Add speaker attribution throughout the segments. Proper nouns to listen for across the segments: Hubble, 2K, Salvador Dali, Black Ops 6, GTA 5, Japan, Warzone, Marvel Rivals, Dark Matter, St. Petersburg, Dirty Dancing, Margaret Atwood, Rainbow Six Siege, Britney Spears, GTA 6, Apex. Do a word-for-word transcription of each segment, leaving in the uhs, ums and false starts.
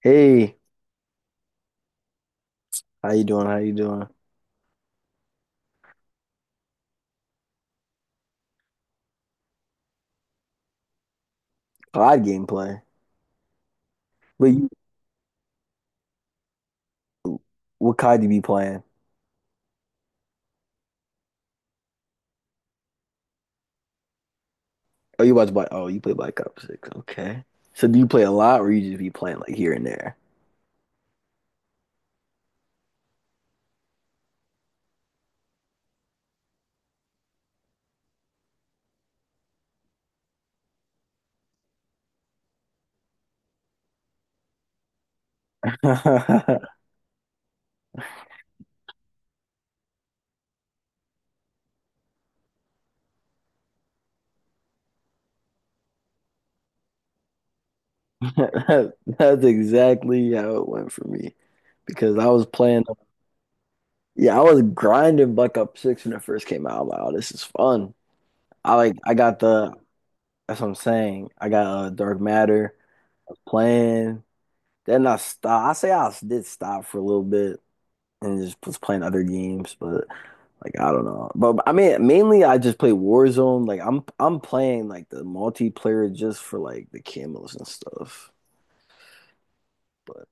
Speaker 1: Hey, how you doing? How you doing? C O D gameplay. But you, what C O D do you be playing? Oh, you watch Black. Oh, you play Black Ops six. Okay. So do you play a lot, or you just be playing like here and there? That- That's exactly how it went for me, because I was playing. Yeah, I was grinding Black Ops six when it first came out. I'm like, oh, this is fun. I like. I got the. That's what I'm saying. I got uh, Dark Matter. I was playing. Then I stopped. I say I did stop for a little bit, and just was playing other games, but like I don't know. But I mean, mainly I just play Warzone. Like I'm I'm playing like the multiplayer just for like the camos and stuff. But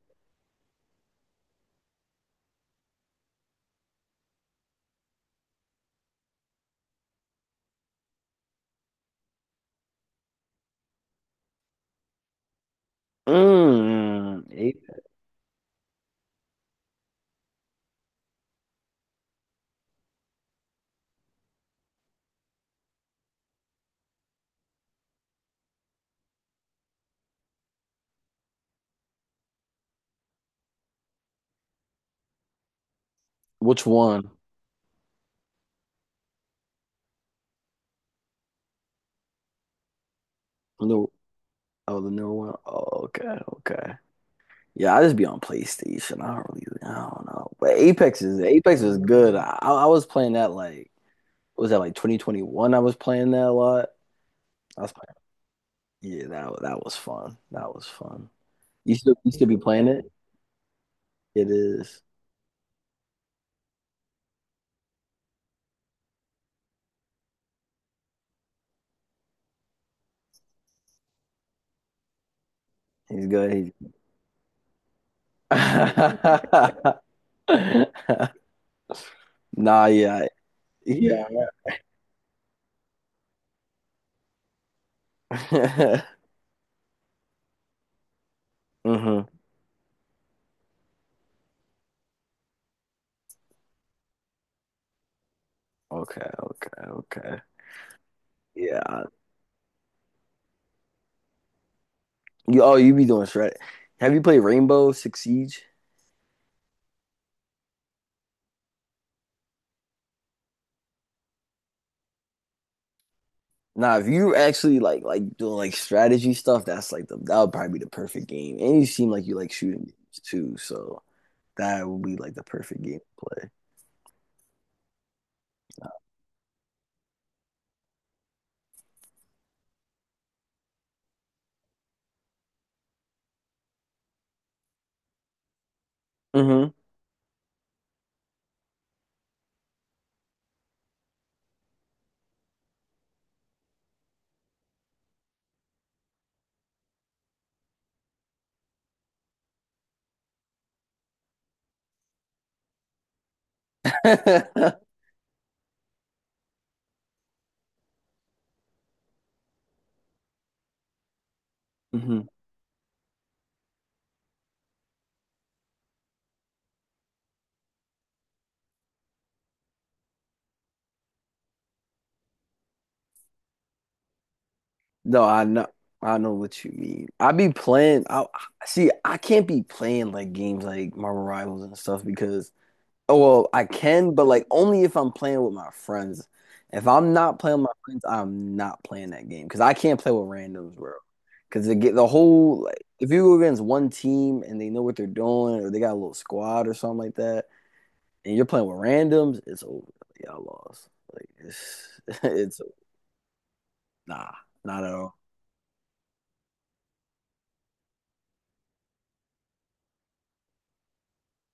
Speaker 1: mm, eight, which one? New, oh the newer one. Oh, okay, okay. Yeah, I just be on PlayStation. I don't really, I don't know. But Apex is Apex is good. I I was playing that like, what was that, like twenty twenty-one? I was playing that a lot. I was playing. Yeah, that that was fun. That was fun. You still you still be playing it? It is. He's good. He's... Nah, yeah. Yeah. Hmm. Okay, okay, okay. Yeah. You, oh, you be doing strat. Have you played Rainbow Six Siege? Nah, if you actually like like doing like strategy stuff, that's like the that would probably be the perfect game. And you seem like you like shooting games too, so that would be like the perfect game to play. Mm-hmm. Hmm. No, I know, I know what you mean. I be playing I I- see I can't be playing like games like Marvel Rivals and stuff because, oh well I can, but like only if I'm playing with my friends. If I'm not playing with my friends, I'm not playing that game because I can't play with randoms, bro. Because they get the whole, like, if you go against one team and they know what they're doing, or they got a little squad or something like that, and you're playing with randoms, it's over. Y'all lost. Like it's it's nah, not at all.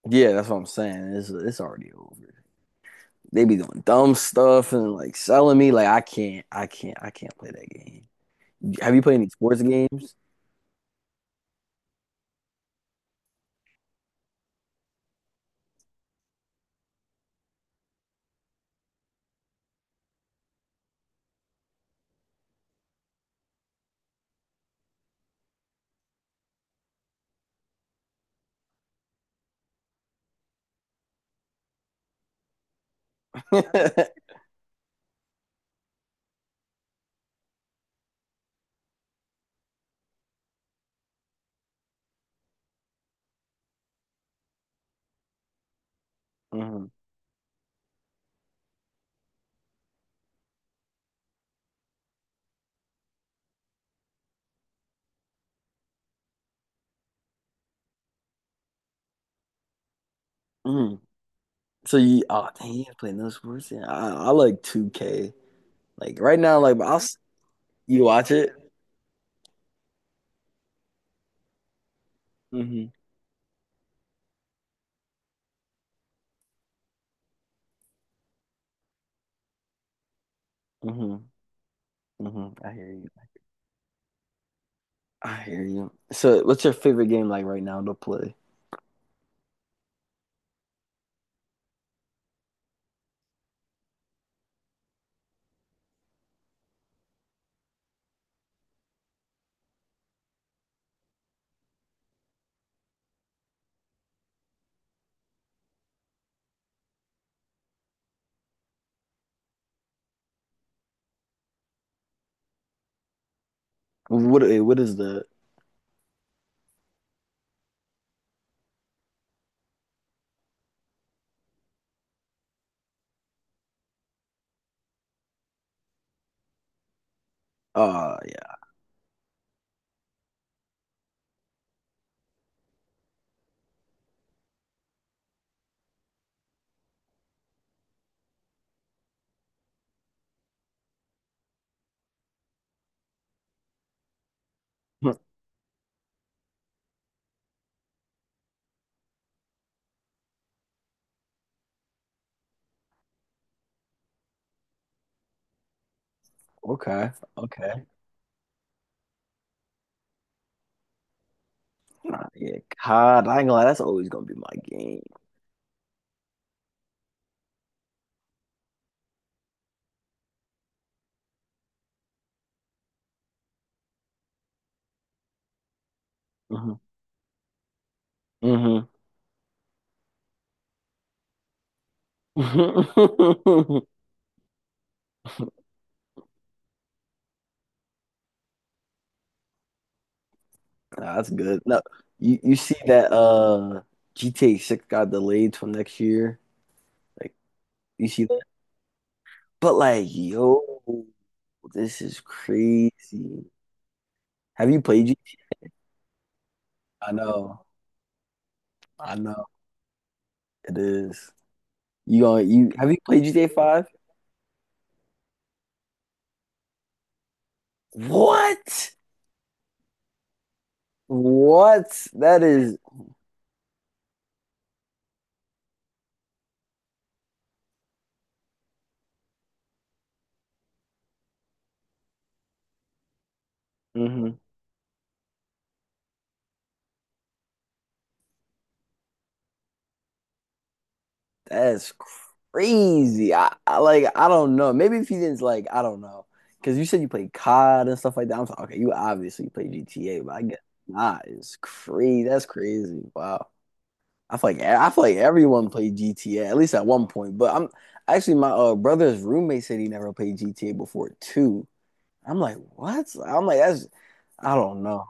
Speaker 1: Yeah, that's what I'm saying. It's it's already over. They be doing dumb stuff and like selling me. Like I can't, I can't, I can't play that game. Have you played any sports games? Mhm. Mhm. So you, oh dang, you play no sports? Yeah, I, I like two K. Like right now, like I'll s- you watch it. Hmm. Hmm. Hmm. I hear you. I hear you. So what's your favorite game like right now to play? What what is the? Oh yeah. Okay. Okay. Uh, yeah, cod. I ain't gonna lie, that's always gonna be my game. Hmm. Hmm. That's good. No, you you see that uh G T A six got delayed till next year. Like, you see that? But like, yo, this is crazy. Have you played G T A? I know, I know, it is. You gonna you have you played G T A five? What? What? That is. Mhm. That's crazy. I, I like, I don't know. Maybe if you didn't, like I don't know. Cause you said you played C O D and stuff like that. I'm like, okay, you obviously play G T A, but I guess not. It's crazy. That's crazy. Wow. I feel like e- I feel like everyone played G T A, at least at one point. But I'm actually my uh, brother's roommate said he never played G T A before too. I'm like, what? I'm like, that's, I don't know.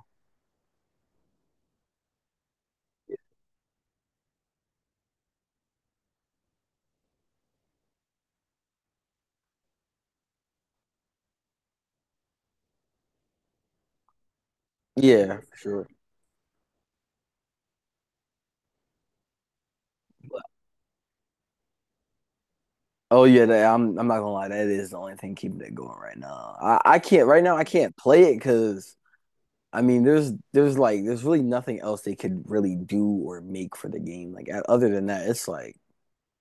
Speaker 1: Yeah, for sure. Oh yeah, that, I'm I'm not gonna lie. That is the only thing keeping it going right now. I, I can't right now. I can't play it because, I mean, there's there's like there's really nothing else they could really do or make for the game. Like other than that, it's like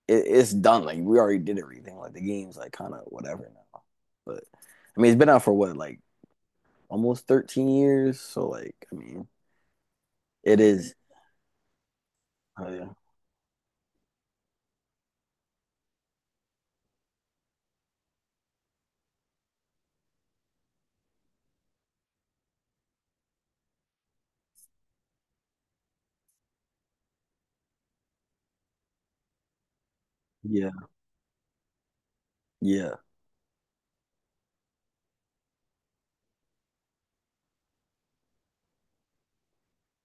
Speaker 1: it, it's done. Like we already did everything. Like the game's like kind of whatever now. But I mean, it's been out for what, like almost thirteen years. So like, I mean, it is. Oh, yeah, yeah, yeah.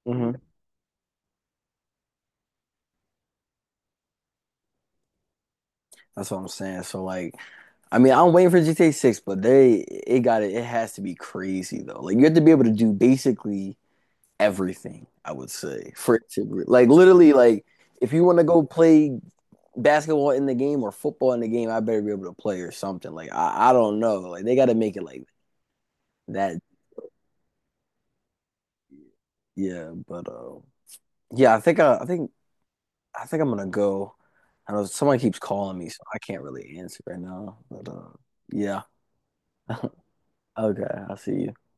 Speaker 1: Hmm. That's what I'm saying. So like, I mean, I'm waiting for G T A six, but they, it got it. It has to be crazy though. Like you have to be able to do basically everything. I would say for it to like literally like, if you want to go play basketball in the game or football in the game, I better be able to play or something. Like I, I don't know. Like they got to make it like that. Yeah, but uh, yeah, I think I, I think I think I'm gonna go. I know someone keeps calling me, so I can't really answer right now. But uh, yeah, okay, I will see you.